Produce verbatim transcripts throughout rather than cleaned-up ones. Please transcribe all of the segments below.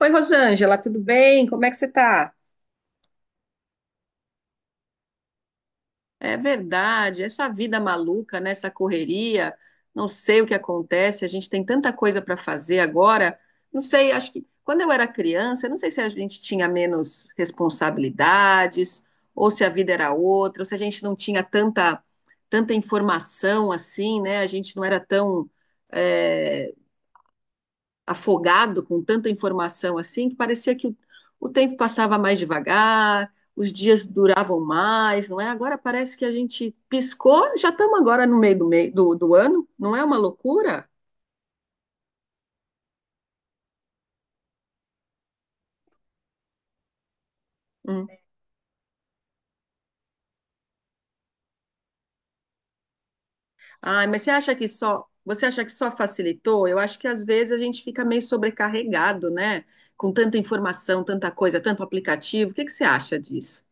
Oi, Rosângela, tudo bem? Como é que você tá? É verdade, essa vida maluca, né? Essa correria, não sei o que acontece, a gente tem tanta coisa para fazer agora. Não sei, acho que quando eu era criança, eu não sei se a gente tinha menos responsabilidades, ou se a vida era outra, ou se a gente não tinha tanta, tanta informação assim, né? A gente não era tão, eh, afogado com tanta informação assim que parecia que o, o tempo passava mais devagar, os dias duravam mais, não é? Agora parece que a gente piscou, já estamos agora no meio do, meio do, do ano, não é uma loucura? Hum. Ah, mas você acha que só você acha que só facilitou? Eu acho que às vezes a gente fica meio sobrecarregado, né? Com tanta informação, tanta coisa, tanto aplicativo. O que que você acha disso?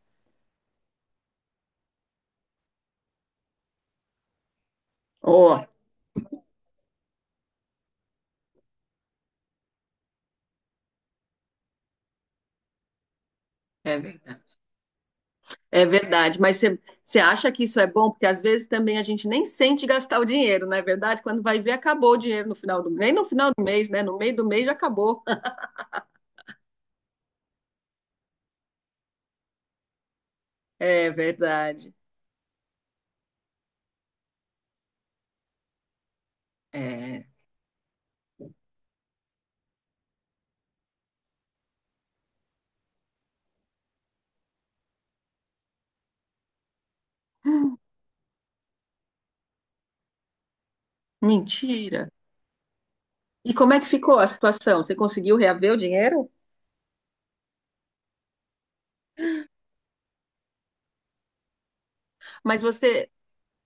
Oh, é verdade. É verdade, mas você você acha que isso é bom? Porque às vezes também a gente nem sente gastar o dinheiro, não é verdade? Quando vai ver, acabou o dinheiro no final do mês. Nem no final do mês, né? No meio do mês já acabou. É verdade. É. Mentira. E como é que ficou a situação? Você conseguiu reaver o dinheiro? Mas você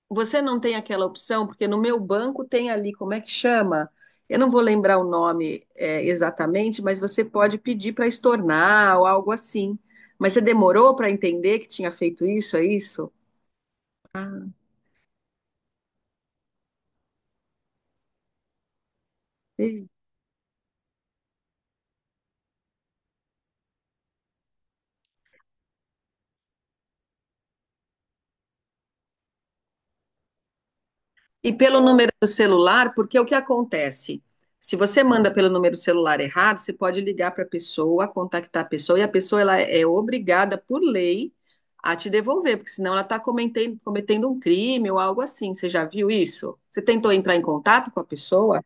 Você não tem aquela opção, porque no meu banco tem ali, como é que chama? Eu não vou lembrar o nome, é, exatamente, mas você pode pedir para estornar ou algo assim. Mas você demorou para entender que tinha feito isso, é isso? Ah, e pelo número do celular, porque o que acontece? Se você manda pelo número celular errado, você pode ligar para a pessoa, contactar a pessoa, e a pessoa ela é obrigada, por lei, a te devolver, porque senão ela está cometendo, cometendo um crime ou algo assim. Você já viu isso? Você tentou entrar em contato com a pessoa?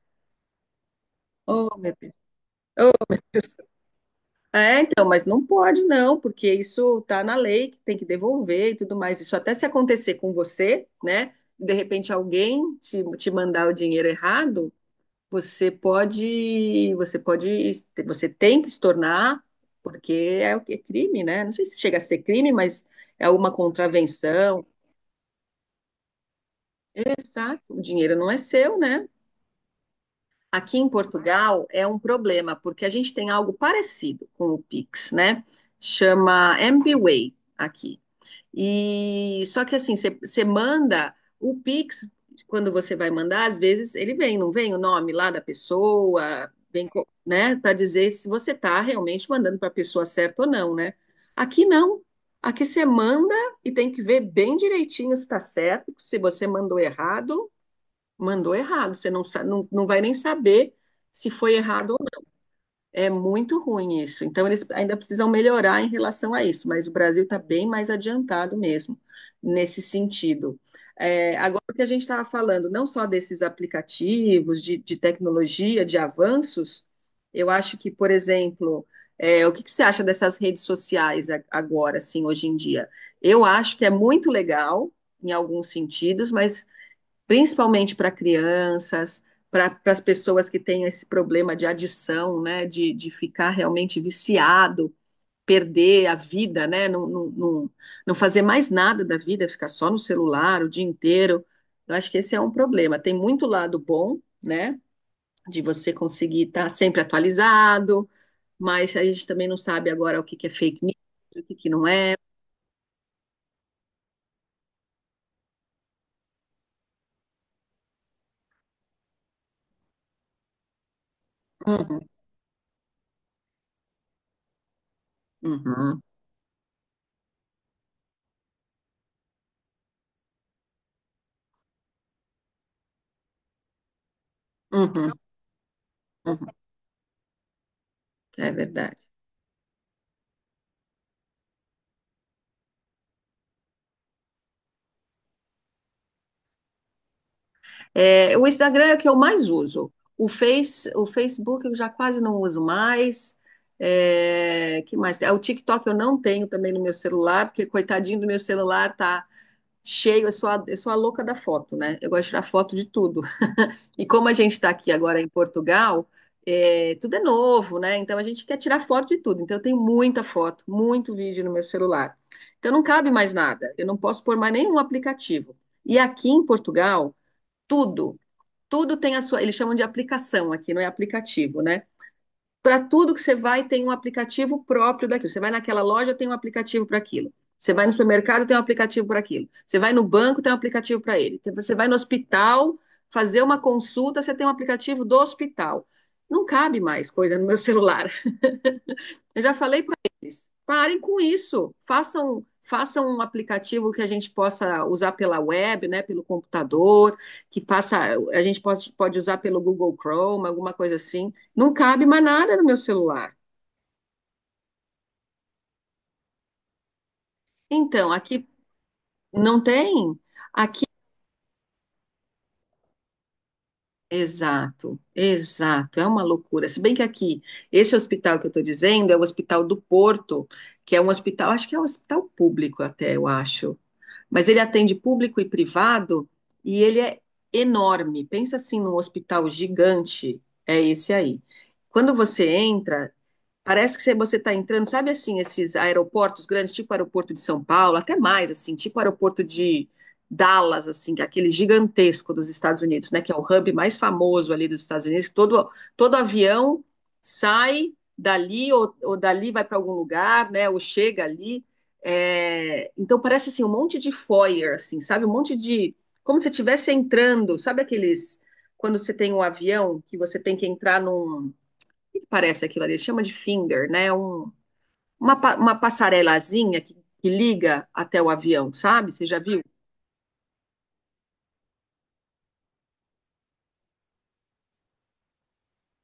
Oh, meu Deus. Oh, meu Deus. É, então, mas não pode não, porque isso está na lei que tem que devolver e tudo mais. Isso até se acontecer com você, né? De repente alguém te, te mandar o dinheiro errado, você pode, você pode, você tem que se tornar, porque é o que é crime, né? Não sei se chega a ser crime, mas é uma contravenção. Tá? O dinheiro não é seu, né? Aqui em Portugal é um problema, porque a gente tem algo parecido com o Pix, né? Chama MBWay aqui. E só que assim, você você manda o Pix, quando você vai mandar, às vezes ele vem, não vem o nome lá da pessoa, vem, co- né, para dizer se você está realmente mandando para a pessoa certa ou não, né? Aqui não. Aqui você manda e tem que ver bem direitinho se está certo, porque se você mandou errado, mandou errado, você não, sa- não, não vai nem saber se foi errado, é muito ruim isso. Então, eles ainda precisam melhorar em relação a isso, mas o Brasil está bem mais adiantado mesmo nesse sentido. É, agora, o que a gente estava falando, não só desses aplicativos, de, de tecnologia, de avanços, eu acho que, por exemplo, é, o que, que você acha dessas redes sociais a- agora, assim, hoje em dia? Eu acho que é muito legal em alguns sentidos, mas principalmente para crianças, para as pessoas que têm esse problema de adição, né, de, de ficar realmente viciado, perder a vida, né, não, não, não, não fazer mais nada da vida, ficar só no celular o dia inteiro. Eu acho que esse é um problema. Tem muito lado bom, né, de você conseguir estar sempre atualizado, mas a gente também não sabe agora o que que é fake news, o que que não é. Uhum, uhum, uhum, uhum. É verdade. É, o Instagram é o que eu mais uso. O Face, o Facebook eu já quase não uso mais. É, que mais? É, o TikTok eu não tenho também no meu celular, porque coitadinho do meu celular tá cheio, eu sou a, eu sou a louca da foto, né? Eu gosto de tirar foto de tudo. E como a gente está aqui agora em Portugal, é, tudo é novo, né? Então a gente quer tirar foto de tudo. Então eu tenho muita foto, muito vídeo no meu celular. Então não cabe mais nada. Eu não posso pôr mais nenhum aplicativo. E aqui em Portugal, tudo tudo tem a sua, eles chamam de aplicação aqui, não é aplicativo, né? Para tudo que você vai, tem um aplicativo próprio daquilo. Você vai naquela loja, tem um aplicativo para aquilo. Você vai no supermercado, tem um aplicativo para aquilo. Você vai no banco, tem um aplicativo para ele. Então, você vai no hospital fazer uma consulta, você tem um aplicativo do hospital. Não cabe mais coisa no meu celular. Eu já falei para eles, parem com isso, façam, façam um aplicativo que a gente possa usar pela web, né, pelo computador, que faça, a gente pode, pode usar pelo Google Chrome, alguma coisa assim. Não cabe mais nada no meu celular. Então, aqui não tem. Exato, exato, é uma loucura. Se bem que aqui, esse hospital que eu estou dizendo é o Hospital do Porto, que é um hospital, acho que é um hospital público até, eu acho. Mas ele atende público e privado e ele é enorme. Pensa assim num hospital gigante, é esse aí. Quando você entra, parece que você está entrando, sabe assim, esses aeroportos grandes, tipo aeroporto de São Paulo, até mais, assim, tipo aeroporto de Dallas, assim, que é aquele gigantesco dos Estados Unidos, né? Que é o hub mais famoso ali dos Estados Unidos, que todo, todo avião sai dali ou, ou dali vai para algum lugar, né? Ou chega ali. É, então parece assim um monte de foyer, assim, sabe? Um monte de. Como se estivesse entrando, sabe aqueles. Quando você tem um avião que você tem que entrar num que que parece aquilo ali? Ele chama de finger, né? Um, uma, pa- uma passarelazinha que, que liga até o avião, sabe? Você já viu?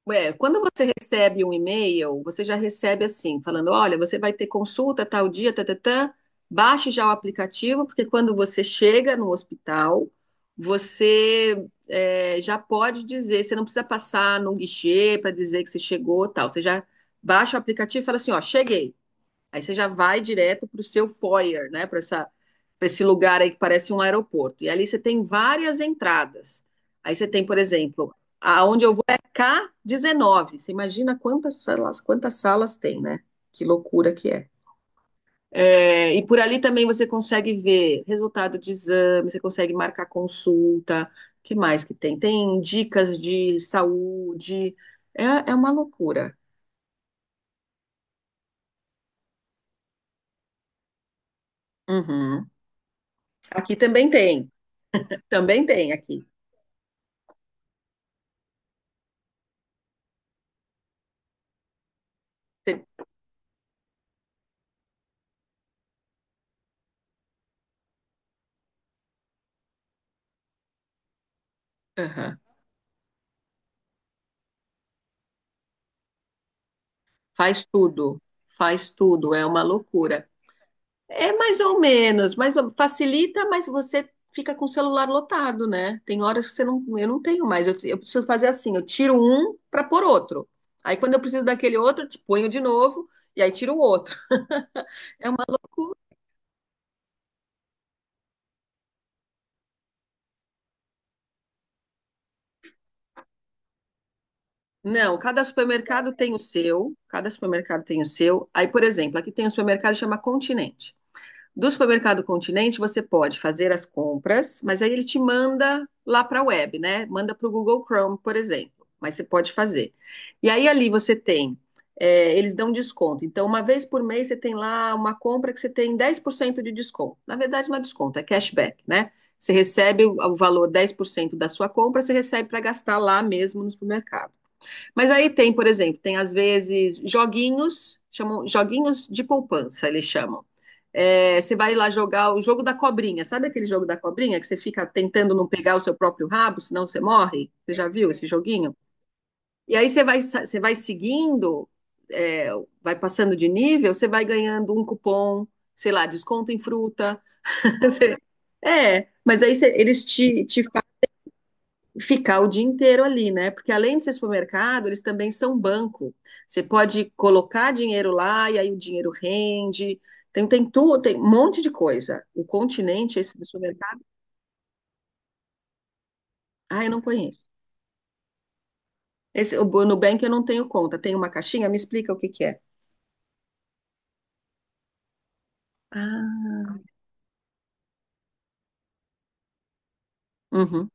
Ué, quando você recebe um e-mail, você já recebe assim, falando: olha, você vai ter consulta tal dia, tatatã, baixe já o aplicativo, porque quando você chega no hospital, você é, já pode dizer, você não precisa passar no guichê para dizer que você chegou, tal. Você já baixa o aplicativo e fala assim: ó, cheguei. Aí você já vai direto para o seu foyer, né? Para essa, para esse lugar aí que parece um aeroporto. E ali você tem várias entradas. Aí você tem, por exemplo, aonde eu vou é k dezenove. Você imagina quantas salas, quantas salas tem, né? Que loucura que é. É, e por ali também você consegue ver resultado de exame, você consegue marcar consulta. O que mais que tem? Tem dicas de saúde. É, é uma loucura. Uhum. Aqui também tem. Também tem aqui. Você. Aham. Faz tudo, faz tudo, é uma loucura. É mais ou menos, mais ou- facilita, mas você fica com o celular lotado, né? Tem horas que você não, eu não tenho mais, eu, eu preciso fazer assim, eu tiro um para pôr outro. Aí quando eu preciso daquele outro, te ponho de novo e aí tiro o outro. É uma loucura. Não, cada supermercado tem o seu, cada supermercado tem o seu. Aí, por exemplo, aqui tem um supermercado que chama Continente. Do supermercado Continente, você pode fazer as compras, mas aí ele te manda lá para a web, né? Manda para o Google Chrome, por exemplo. Mas você pode fazer. E aí ali você tem, é, eles dão desconto. Então, uma vez por mês, você tem lá uma compra que você tem dez por cento de desconto. Na verdade, não é desconto, é cashback, né? Você recebe o, o valor dez por cento da sua compra, você recebe para gastar lá mesmo no supermercado. Mas aí tem, por exemplo, tem às vezes joguinhos, chamam joguinhos de poupança, eles chamam. É, você vai lá jogar o jogo da cobrinha, sabe aquele jogo da cobrinha que você fica tentando não pegar o seu próprio rabo, senão você morre? Você já viu esse joguinho? E aí você vai, sa- você vai seguindo, é, vai passando de nível, você vai ganhando um cupom, sei lá, desconto em fruta. Você- é, mas aí você- eles te, te ficar o dia inteiro ali, né? Porque além de ser supermercado, eles também são banco. Você pode colocar dinheiro lá e aí o dinheiro rende. Tem, tem tudo, tem um monte de coisa. O continente, esse do supermercado, ah, eu não conheço. Esse, o Nubank eu não tenho conta. Tem uma caixinha? Me explica o que que é. Ah, uhum.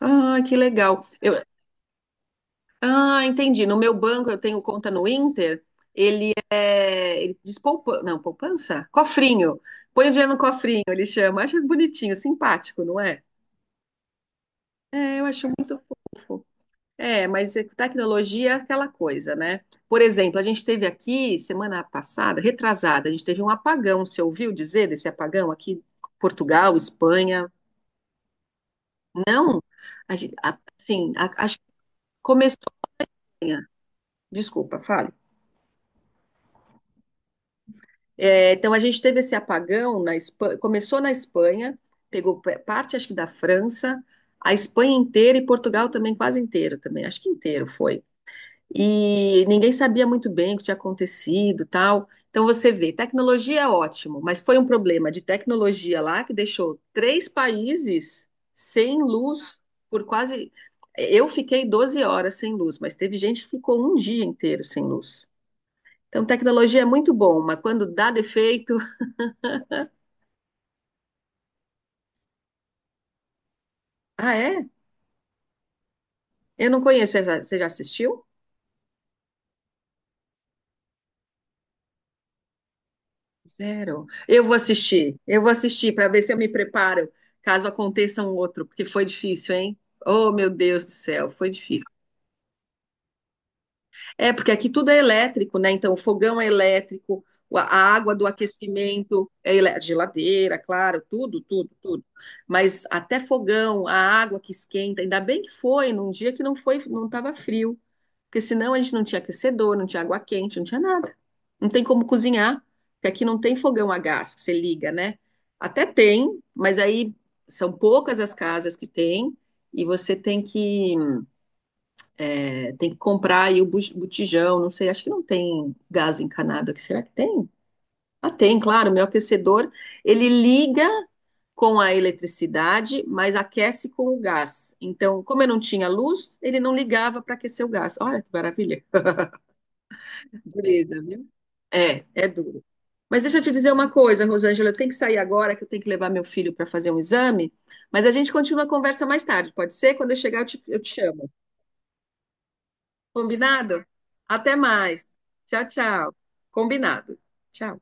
Ah, que legal. Eu, ah, entendi. No meu banco eu tenho conta no Inter. Ele é. Ele diz poupança. Não, poupança? Cofrinho. Põe o dinheiro no cofrinho, ele chama. Acho bonitinho, simpático, não é? É, eu acho muito. É, mas é que tecnologia é aquela coisa, né? Por exemplo, a gente teve aqui semana passada, retrasada, a gente teve um apagão. Você ouviu dizer desse apagão aqui? Portugal, Espanha? Não? A, gen- a- assim, a- acho que começou. Desculpa, fale. É, então a gente teve esse apagão na Espanha, começou na Espanha, pegou pe- parte acho que da França, a Espanha inteira e Portugal também quase inteiro também, acho que inteiro foi. E ninguém sabia muito bem o que tinha acontecido, tal. Então você vê, tecnologia é ótimo, mas foi um problema de tecnologia lá que deixou três países sem luz por quase, eu fiquei doze horas sem luz, mas teve gente que ficou um dia inteiro sem luz. Então, tecnologia é muito bom, mas quando dá defeito, ah, é? Eu não conheço. Você já você já assistiu? Zero. Eu vou assistir. Eu vou assistir para ver se eu me preparo, caso aconteça um outro, porque foi difícil, hein? Oh, meu Deus do céu, foi difícil. É, porque aqui tudo é elétrico, né? Então, o fogão é elétrico, a água do aquecimento é elé- geladeira, claro, tudo, tudo, tudo. Mas até fogão, a água que esquenta, ainda bem que foi num dia que não foi, não estava frio, porque senão a gente não tinha aquecedor, não tinha água quente, não tinha nada. Não tem como cozinhar, porque aqui não tem fogão a gás que você liga, né? Até tem, mas aí são poucas as casas que tem e você tem que é, tem que comprar aí o bu- botijão, não sei, acho que não tem gás encanado aqui. Será que tem? Ah, tem, claro. Meu aquecedor, ele liga com a eletricidade, mas aquece com o gás. Então, como eu não tinha luz, ele não ligava para aquecer o gás. Olha que maravilha. Dureza, viu? É, é duro. Mas deixa eu te dizer uma coisa, Rosângela, eu tenho que sair agora, que eu tenho que levar meu filho para fazer um exame, mas a gente continua a conversa mais tarde, pode ser? Quando eu chegar, eu te, eu te chamo. Combinado? Até mais. Tchau, tchau. Combinado. Tchau.